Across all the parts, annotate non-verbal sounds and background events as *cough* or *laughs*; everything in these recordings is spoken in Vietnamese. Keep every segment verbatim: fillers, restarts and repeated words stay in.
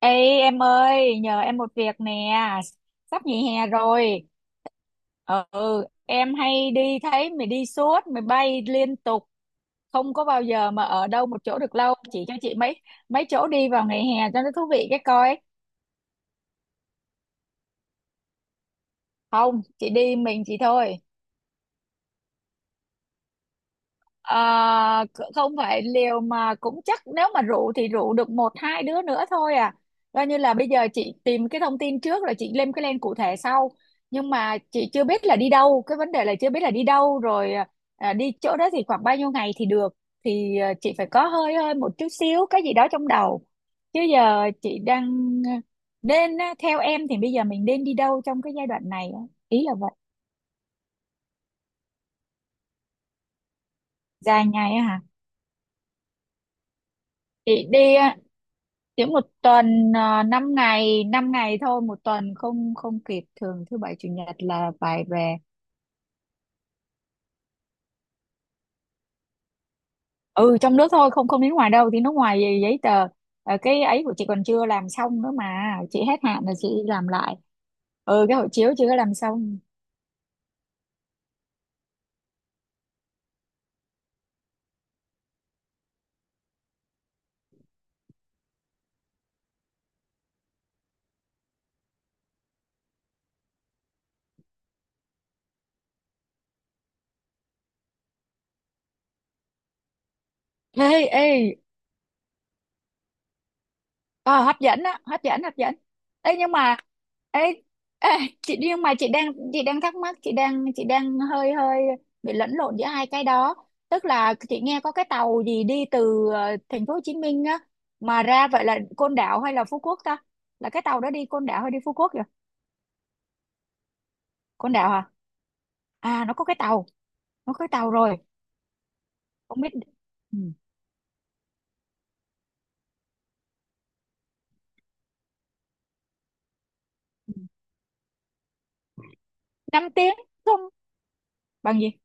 Ê em ơi, nhờ em một việc nè, sắp nghỉ hè rồi. Ờ, Ừ, em hay đi thấy mày đi suốt, mày bay liên tục, không có bao giờ mà ở đâu một chỗ được lâu. Chỉ cho chị mấy mấy chỗ đi vào ngày hè cho nó thú vị cái coi. Không, chị đi mình chị thôi. Ờ, Không phải liều mà cũng chắc nếu mà rủ thì rủ được một hai đứa nữa thôi à, coi như là bây giờ chị tìm cái thông tin trước rồi chị lên cái plan cụ thể sau, nhưng mà chị chưa biết là đi đâu, cái vấn đề là chưa biết là đi đâu rồi à, đi chỗ đó thì khoảng bao nhiêu ngày thì được, thì à, chị phải có hơi hơi một chút xíu cái gì đó trong đầu, chứ giờ chị đang ờ, nên á, theo em thì bây giờ mình nên đi đâu trong cái giai đoạn này á? Ý là vậy. Dài ngày á hả? Chị đi ờ, chỉ một tuần, uh, năm ngày năm ngày thôi, một tuần không không kịp, thường thứ bảy chủ nhật là phải về. Ừ, trong nước thôi, không không đến ngoài đâu, thì nước ngoài gì giấy tờ. Ờ, cái ấy của chị còn chưa làm xong nữa mà, chị hết hạn là chị làm lại. Ừ, cái hộ chiếu chưa có làm xong. Ê, ê. Ờ, hấp dẫn á, hấp dẫn, hấp dẫn. Ấy nhưng mà, ấy, ê, chị nhưng mà chị đang chị đang thắc mắc, chị đang chị đang hơi hơi bị lẫn lộn giữa hai cái đó. Tức là chị nghe có cái tàu gì đi từ ờ, thành phố Hồ Chí Minh á, mà ra vậy là Côn Đảo hay là Phú Quốc ta, là cái tàu đó đi Côn Đảo hay đi Phú Quốc vậy? Côn Đảo à? À, nó có cái tàu nó có cái tàu rồi. Không biết. Ừ. năm tiếng? Không. Bằng gì?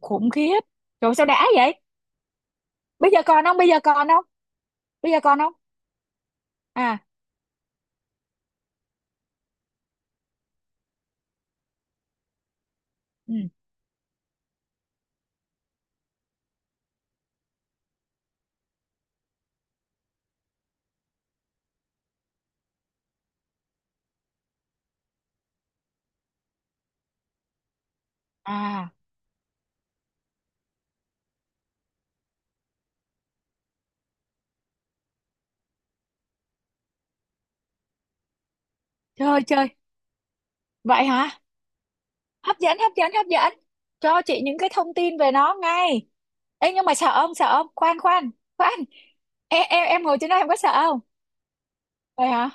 Khủng khiếp. Rồi sao đã vậy? Bây giờ còn không bây giờ còn không bây giờ còn không À. Ừ. À, chơi chơi. Vậy hả? Hấp dẫn, hấp dẫn, hấp dẫn. Cho chị những cái thông tin về nó ngay. Ê, nhưng mà sợ ông, sợ ông, khoan, khoan, khoan. Em, em, em ngồi trên đó em có sợ không? Vậy hả?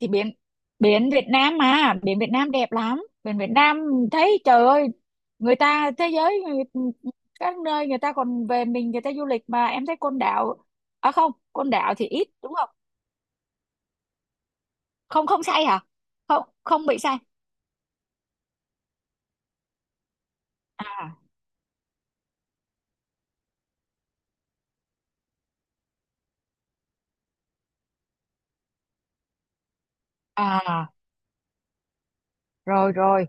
Thì biển, biển Việt Nam mà. Biển Việt Nam đẹp lắm. Biển Việt Nam thấy, trời ơi, người ta, thế giới, người- các nơi người ta còn về mình, người ta du lịch mà. Em thấy Côn Đảo, à không, Côn Đảo thì ít, đúng không? Không, không say hả? Không, không bị say. À, à, rồi, rồi.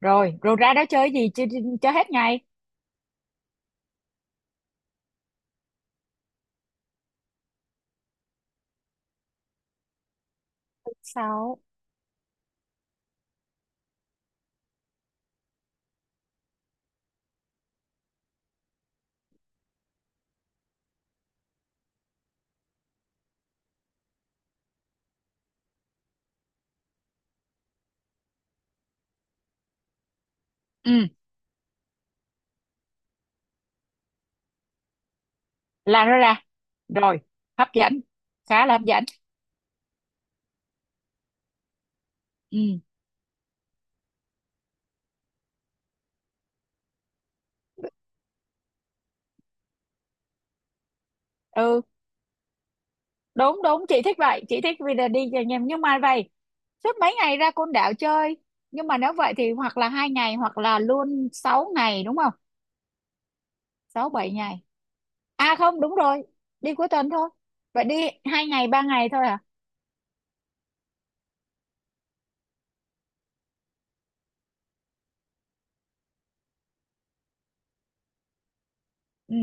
Rồi rồi, ra đó chơi gì chơi, chơi hết ngày. Sáu. Ừ, là nó ra rồi. Hấp dẫn, khá là hấp dẫn. Ừ. Ừ, đúng đúng, chị thích vậy, chị thích vì là đi nhầm, nhưng mà vậy suốt mấy ngày ra Côn Đảo chơi, nhưng mà nếu vậy thì hoặc là hai ngày hoặc là luôn sáu ngày, đúng không? Sáu bảy ngày. À không, đúng rồi, đi cuối tuần thôi. Vậy đi hai ngày ba ngày thôi à? Ừ.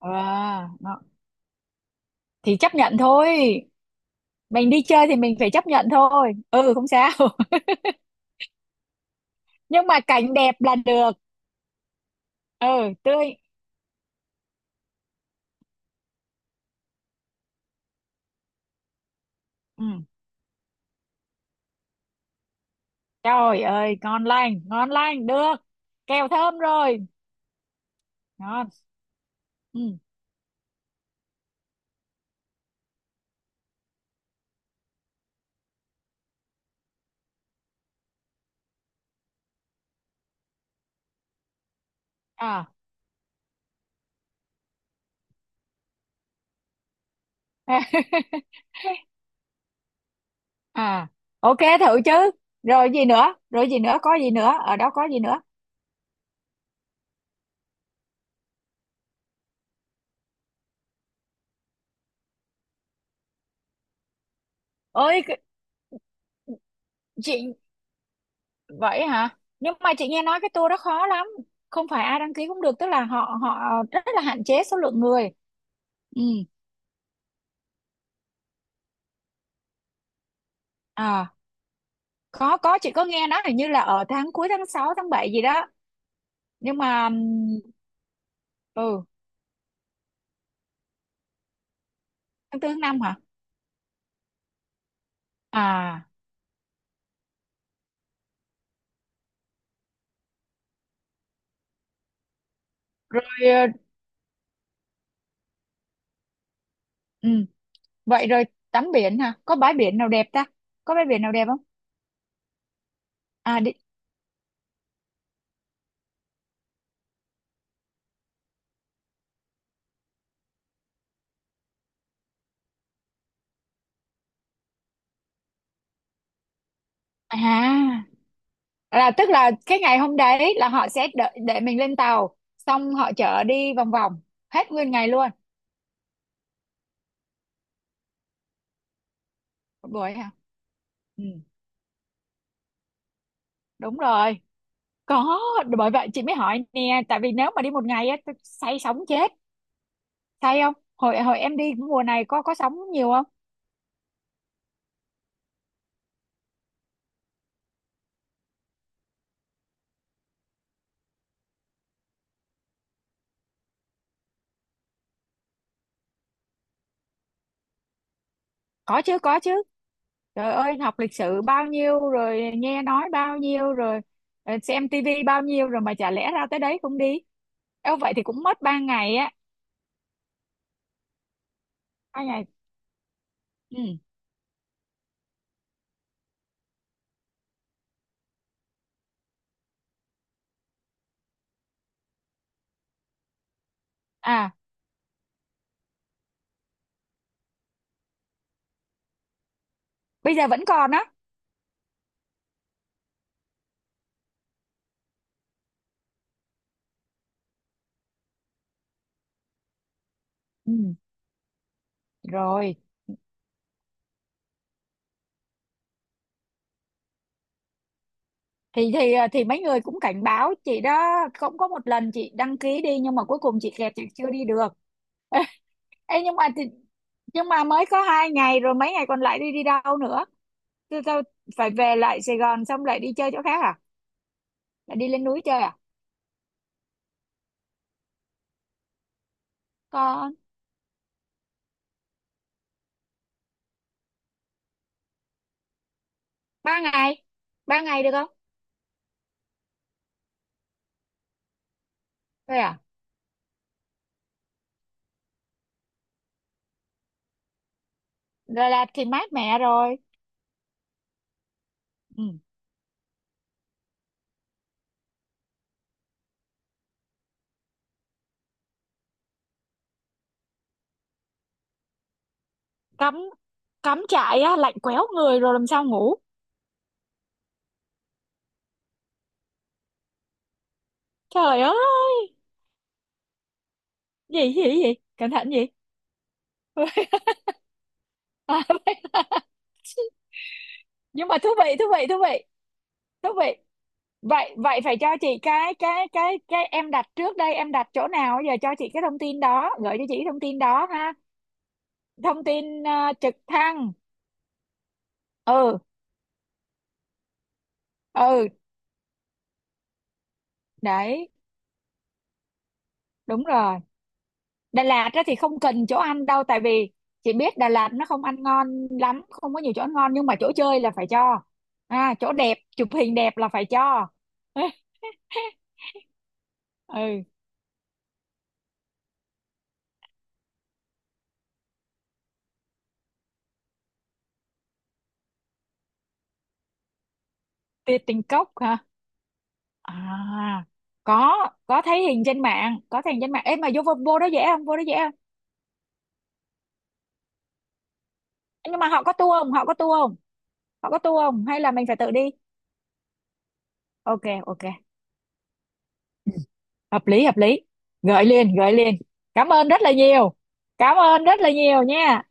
À, đó. Thì chấp nhận thôi, mình đi chơi thì mình phải chấp nhận thôi. Ừ, không sao. Nhưng mà cảnh đẹp là được. Ừ, tươi. Ừ. Trời ơi, ngon lành, ngon lành được, kèo thơm rồi. Ngon. Ừ. À, *laughs* à, ok thử chứ. Rồi gì nữa, rồi gì nữa, có gì nữa, ở đó có gì nữa? ơi cái- chị. Vậy hả? Nhưng mà chị nghe nói cái tour đó khó lắm, không phải ai đăng ký cũng được, tức là họ họ rất là hạn chế số lượng người. Ừ. À, có có chị có nghe nói hình như là ở tháng cuối, tháng sáu tháng bảy gì đó. Nhưng mà ừ, tháng tư tháng năm hả? À, rồi, ờ, ừ. Vậy rồi, tắm biển hả, có bãi biển nào đẹp ta, có bãi biển nào đẹp không? À, đi, à, là tức là cái ngày hôm đấy là họ sẽ đợi để mình lên tàu, xong họ chở đi vòng vòng hết nguyên ngày luôn? Một buổi hả? Ừ, đúng rồi, có. Bởi vậy chị mới hỏi nè, tại vì nếu mà đi một ngày á tôi say sóng chết. Say không, hồi hồi em đi mùa này có có sóng nhiều không? Có chứ, có chứ. Trời ơi, học lịch sử bao nhiêu rồi, nghe nói bao nhiêu rồi, ờ, xem tivi bao nhiêu rồi mà chả lẽ ra tới đấy không đi. Eo, vậy thì cũng mất ba ngày á? Hai ngày. Ừ. À, bây giờ vẫn còn á? Ừ. Rồi, thì thì ờ, thì mấy người cũng cảnh báo chị đó, cũng có một lần chị đăng ký đi nhưng mà cuối cùng chị kẹt, chị chưa đi được. *laughs* Ê, nhưng mà thì, nhưng mà mới có hai ngày rồi, mấy ngày còn lại đi đi đâu nữa? tôi, tôi phải về lại Sài Gòn xong lại đi chơi chỗ khác à? Là đi lên núi chơi à? Con. Ba ngày, ba ngày được không? Thôi à? Rồi là thì mát mẹ rồi. Ừ. Cắm, cắm trại á lạnh quéo người rồi làm sao ngủ. Trời ơi, gì gì gì, cẩn thận gì? *laughs* À, nhưng mà thú vị, thú vị, thú vị, thú vị. Vậy vậy phải cho chị cái cái cái cái em đặt trước đây, em đặt chỗ nào giờ cho chị cái thông tin đó, gửi cho chị cái thông tin đó ha. Thông tin ờ, trực thăng. Ừ. Ừ, đấy, đúng rồi. Đà Lạt á thì không cần chỗ ăn đâu, tại vì chị biết Đà Lạt nó không ăn ngon lắm, không có nhiều chỗ ăn ngon, nhưng mà chỗ chơi là phải cho, à, chỗ đẹp chụp hình đẹp là phải cho. *laughs* ừ. Tiệc tình cốc hả? À, có có thấy hình trên mạng, có thấy hình trên mạng. Ê mà vô vô, vô đó dễ không, vô đó dễ không? Ê, nhưng mà họ có tour không, họ có tour không, họ có tour không hay là mình phải tự đi? Ok, ok, hợp lý, hợp lý, gợi liền, gợi liền. Cảm ơn rất là nhiều, cảm ơn rất là nhiều nha.